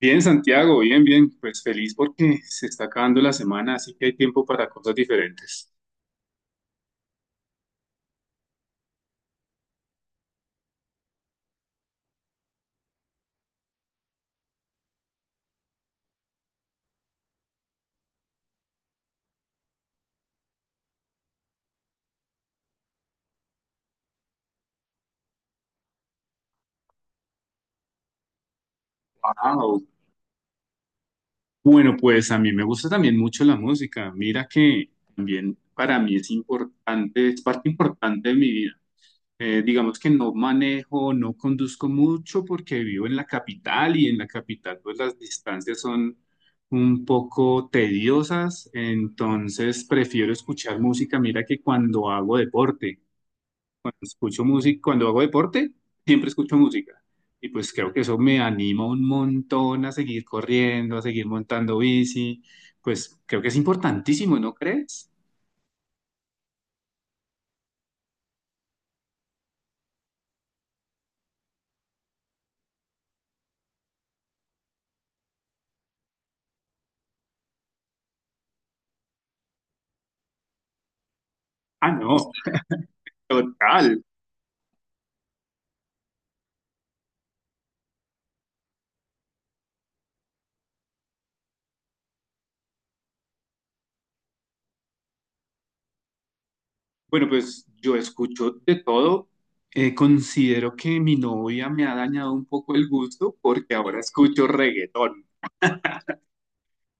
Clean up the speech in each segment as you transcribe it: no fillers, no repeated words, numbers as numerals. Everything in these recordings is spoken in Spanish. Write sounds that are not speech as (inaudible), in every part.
Bien, Santiago, bien, bien. Pues feliz porque se está acabando la semana, así que hay tiempo para cosas diferentes. Wao. Bueno, pues a mí me gusta también mucho la música. Mira que también para mí es importante, es parte importante de mi vida. Digamos que no manejo, no conduzco mucho porque vivo en la capital y en la capital pues las distancias son un poco tediosas, entonces prefiero escuchar música. Mira que cuando hago deporte. Escucho música, cuando hago deporte, siempre escucho música. Y pues creo que eso me anima un montón a seguir corriendo, a seguir montando bici. Pues creo que es importantísimo, ¿no crees? Ah, no, total. Bueno, pues yo escucho de todo. Considero que mi novia me ha dañado un poco el gusto porque ahora escucho reggaetón.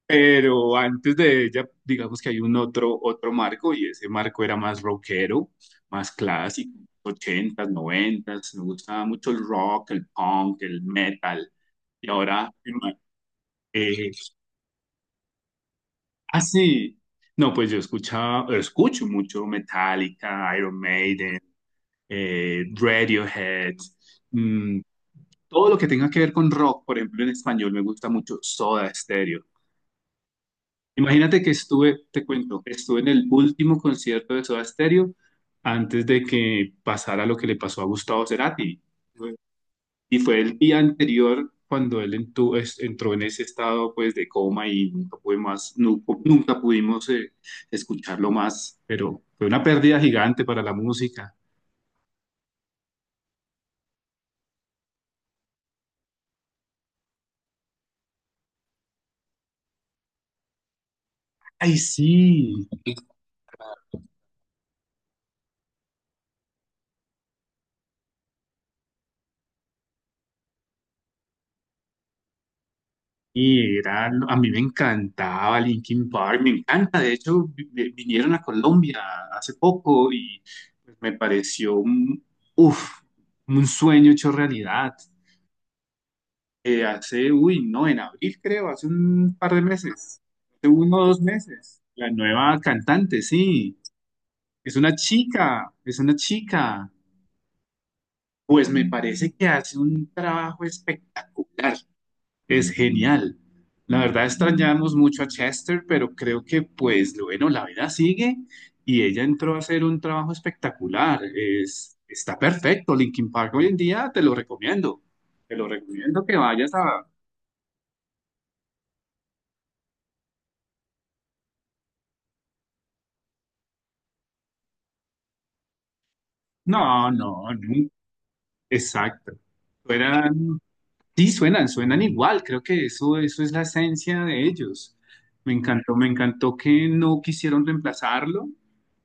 Pero antes de ella, digamos que hay un otro, otro marco y ese marco era más rockero, más clásico, ochentas, noventas. Me gustaba mucho el rock, el punk, el metal. Y ahora, eh, ah, sí, no, pues escucho mucho Metallica, Iron Maiden, Radiohead, mm, todo lo que tenga que ver con rock, por ejemplo, en español me gusta mucho Soda Stereo. Imagínate que estuve en el último concierto de Soda Stereo antes de que pasara lo que le pasó a Gustavo Cerati. Fue- Y fue el día anterior cuando él entró en ese estado pues de coma y nunca pudimos escucharlo más, pero fue una pérdida gigante para la música. Ay, sí. Y era, a mí me encantaba Linkin Park, me encanta. De hecho, vinieron a Colombia hace poco y pues, me pareció un, uf, un sueño hecho realidad. Hace, uy, no, en abril creo, hace un par de meses, hace uno o dos meses. La nueva cantante, sí, es una chica. Pues me parece que hace un trabajo espectacular. Es genial. La verdad extrañamos mucho a Chester, pero creo que pues lo bueno, la vida sigue y ella entró a hacer un trabajo espectacular. Es, está perfecto. Linkin Park hoy en día te lo recomiendo. Te lo recomiendo que vayas a... No, no, no. Exacto. Fueran sí, suenan, suenan igual, creo que eso es la esencia de ellos. Me encantó que no quisieron reemplazarlo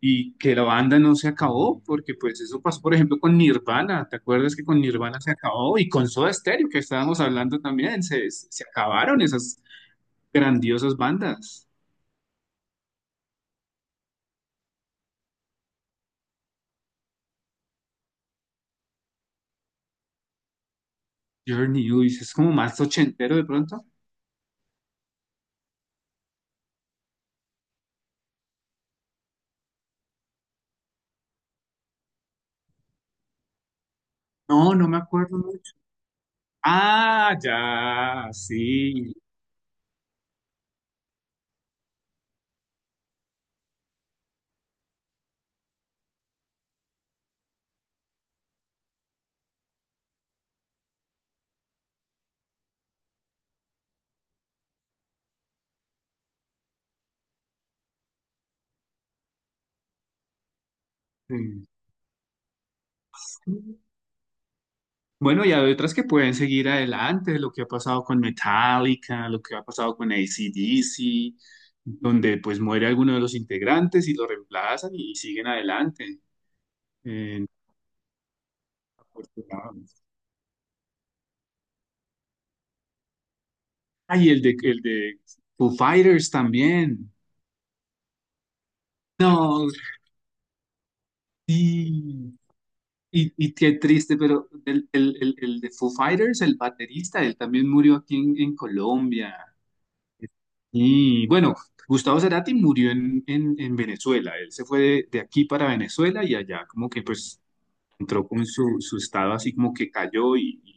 y que la banda no se acabó, porque pues eso pasó, por ejemplo, con Nirvana, ¿te acuerdas que con Nirvana se acabó? Y con Soda Stereo, que estábamos hablando también, se acabaron esas grandiosas bandas. Journey, uy, es como más ochentero de pronto. No, no me acuerdo mucho. Ah, ya, sí. Sí. Bueno, y hay otras que pueden seguir adelante, lo que ha pasado con Metallica, lo que ha pasado con AC/DC, donde pues muere alguno de los integrantes y lo reemplazan y siguen adelante. Eh, Afortunados. Ah, y el de Foo Fighters también. No, sí. Y qué triste, pero el de Foo Fighters, el baterista, él también murió aquí en Colombia. Y bueno, Gustavo Cerati murió en Venezuela. Él se fue de aquí para Venezuela y allá como que pues entró con su, su estado así como que cayó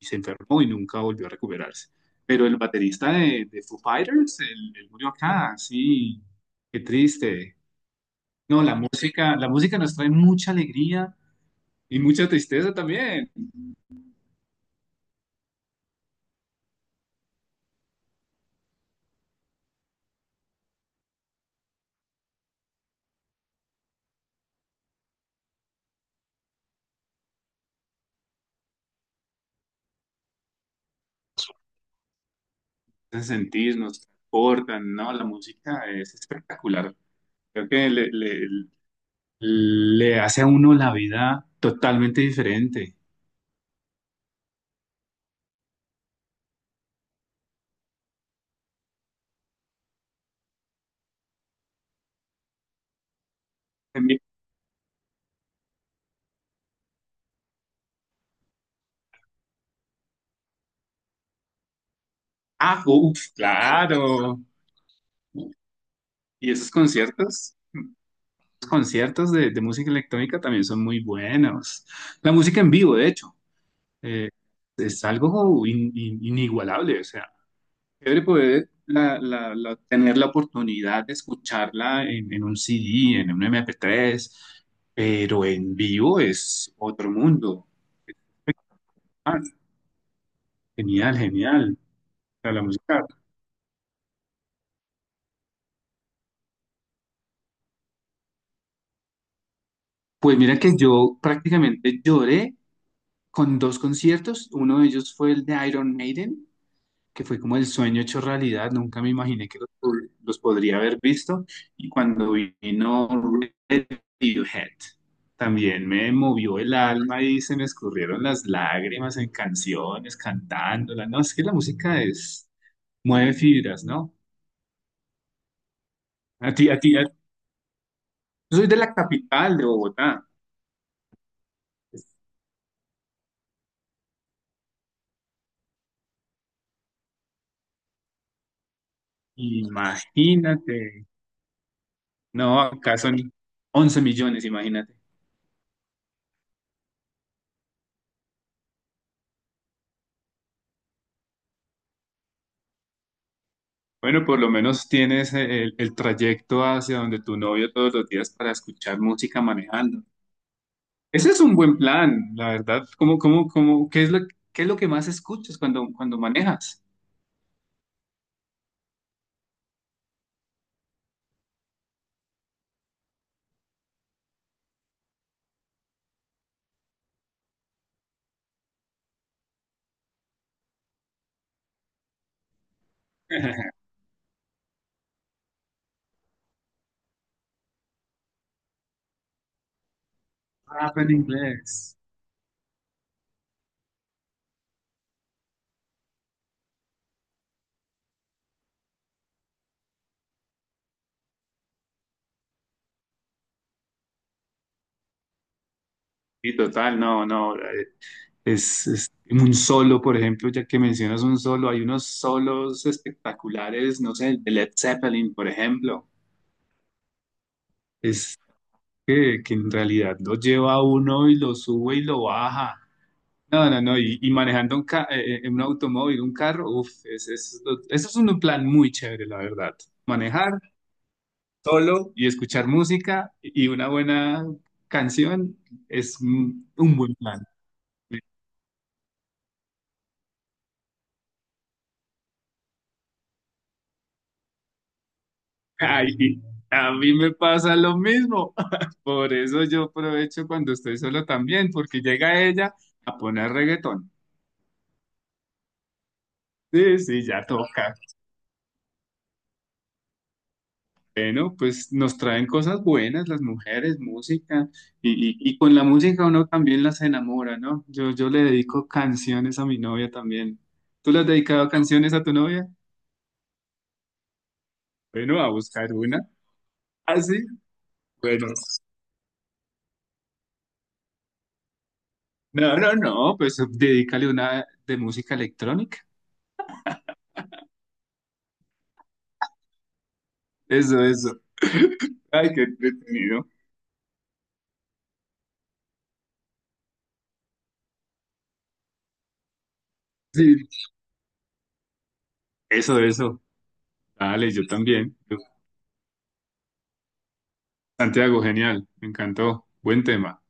y se enfermó y nunca volvió a recuperarse. Pero el baterista de Foo Fighters, él murió acá, sí, qué triste. No, la música nos trae mucha alegría y mucha tristeza también. Nos hace sentir, nos transportan, ¿no? La música es espectacular. Creo que le hace a uno la vida totalmente diferente. También- Ah, uff, claro. Y esos conciertos, los conciertos de música electrónica también son muy buenos. La música en vivo, de hecho, eh, es algo inigualable. O sea, chévere poder tener la oportunidad de escucharla en un CD, en un MP3, pero en vivo es otro mundo. Ah, genial, genial. O sea, la música. Pues mira que yo prácticamente lloré con dos conciertos. Uno de ellos fue el de Iron Maiden, que fue como el sueño hecho realidad. Nunca me imaginé que los podría haber visto. Y cuando vino Radiohead, también me movió el alma y se me escurrieron las lágrimas en canciones, cantándola. No, es que la música es, mueve fibras, ¿no? A ti, a ti, a- yo soy de la capital de Bogotá. Imagínate. No, acá son 11 millones, imagínate. Bueno, por lo menos tienes el trayecto hacia donde tu novio todos los días para escuchar música manejando. Ese es un buen plan, la verdad. ¿ qué es qué es lo que más escuchas cuando manejas? (laughs) Rap en inglés. Sí, total, no, no. Es un solo, por ejemplo, ya que mencionas un solo, hay unos solos espectaculares, no sé, el de Led Zeppelin, por ejemplo. Es que en realidad lo lleva a uno y lo sube y lo baja. No, no, no, y manejando un automóvil, un carro, uff, es, eso es un plan muy chévere, la verdad. Manejar solo y escuchar música y una buena canción es un buen plan. Ay, y a mí me pasa lo mismo. (laughs) Por eso yo aprovecho cuando estoy solo también, porque llega ella a poner reggaetón. Sí, sí, ya toca. Bueno, pues nos traen cosas buenas las mujeres, música, y con la música uno también las enamora, ¿no? Yo le dedico canciones a mi novia también. ¿Tú le has dedicado canciones a tu novia? Bueno, a buscar una. ¿Ah, sí? Bueno. No, no, no, pues dedícale una de música electrónica. Eso, eso. (laughs) Ay, qué entretenido. Sí. Eso, eso. Dale, yo también. Santiago, genial. Me encantó. Buen tema.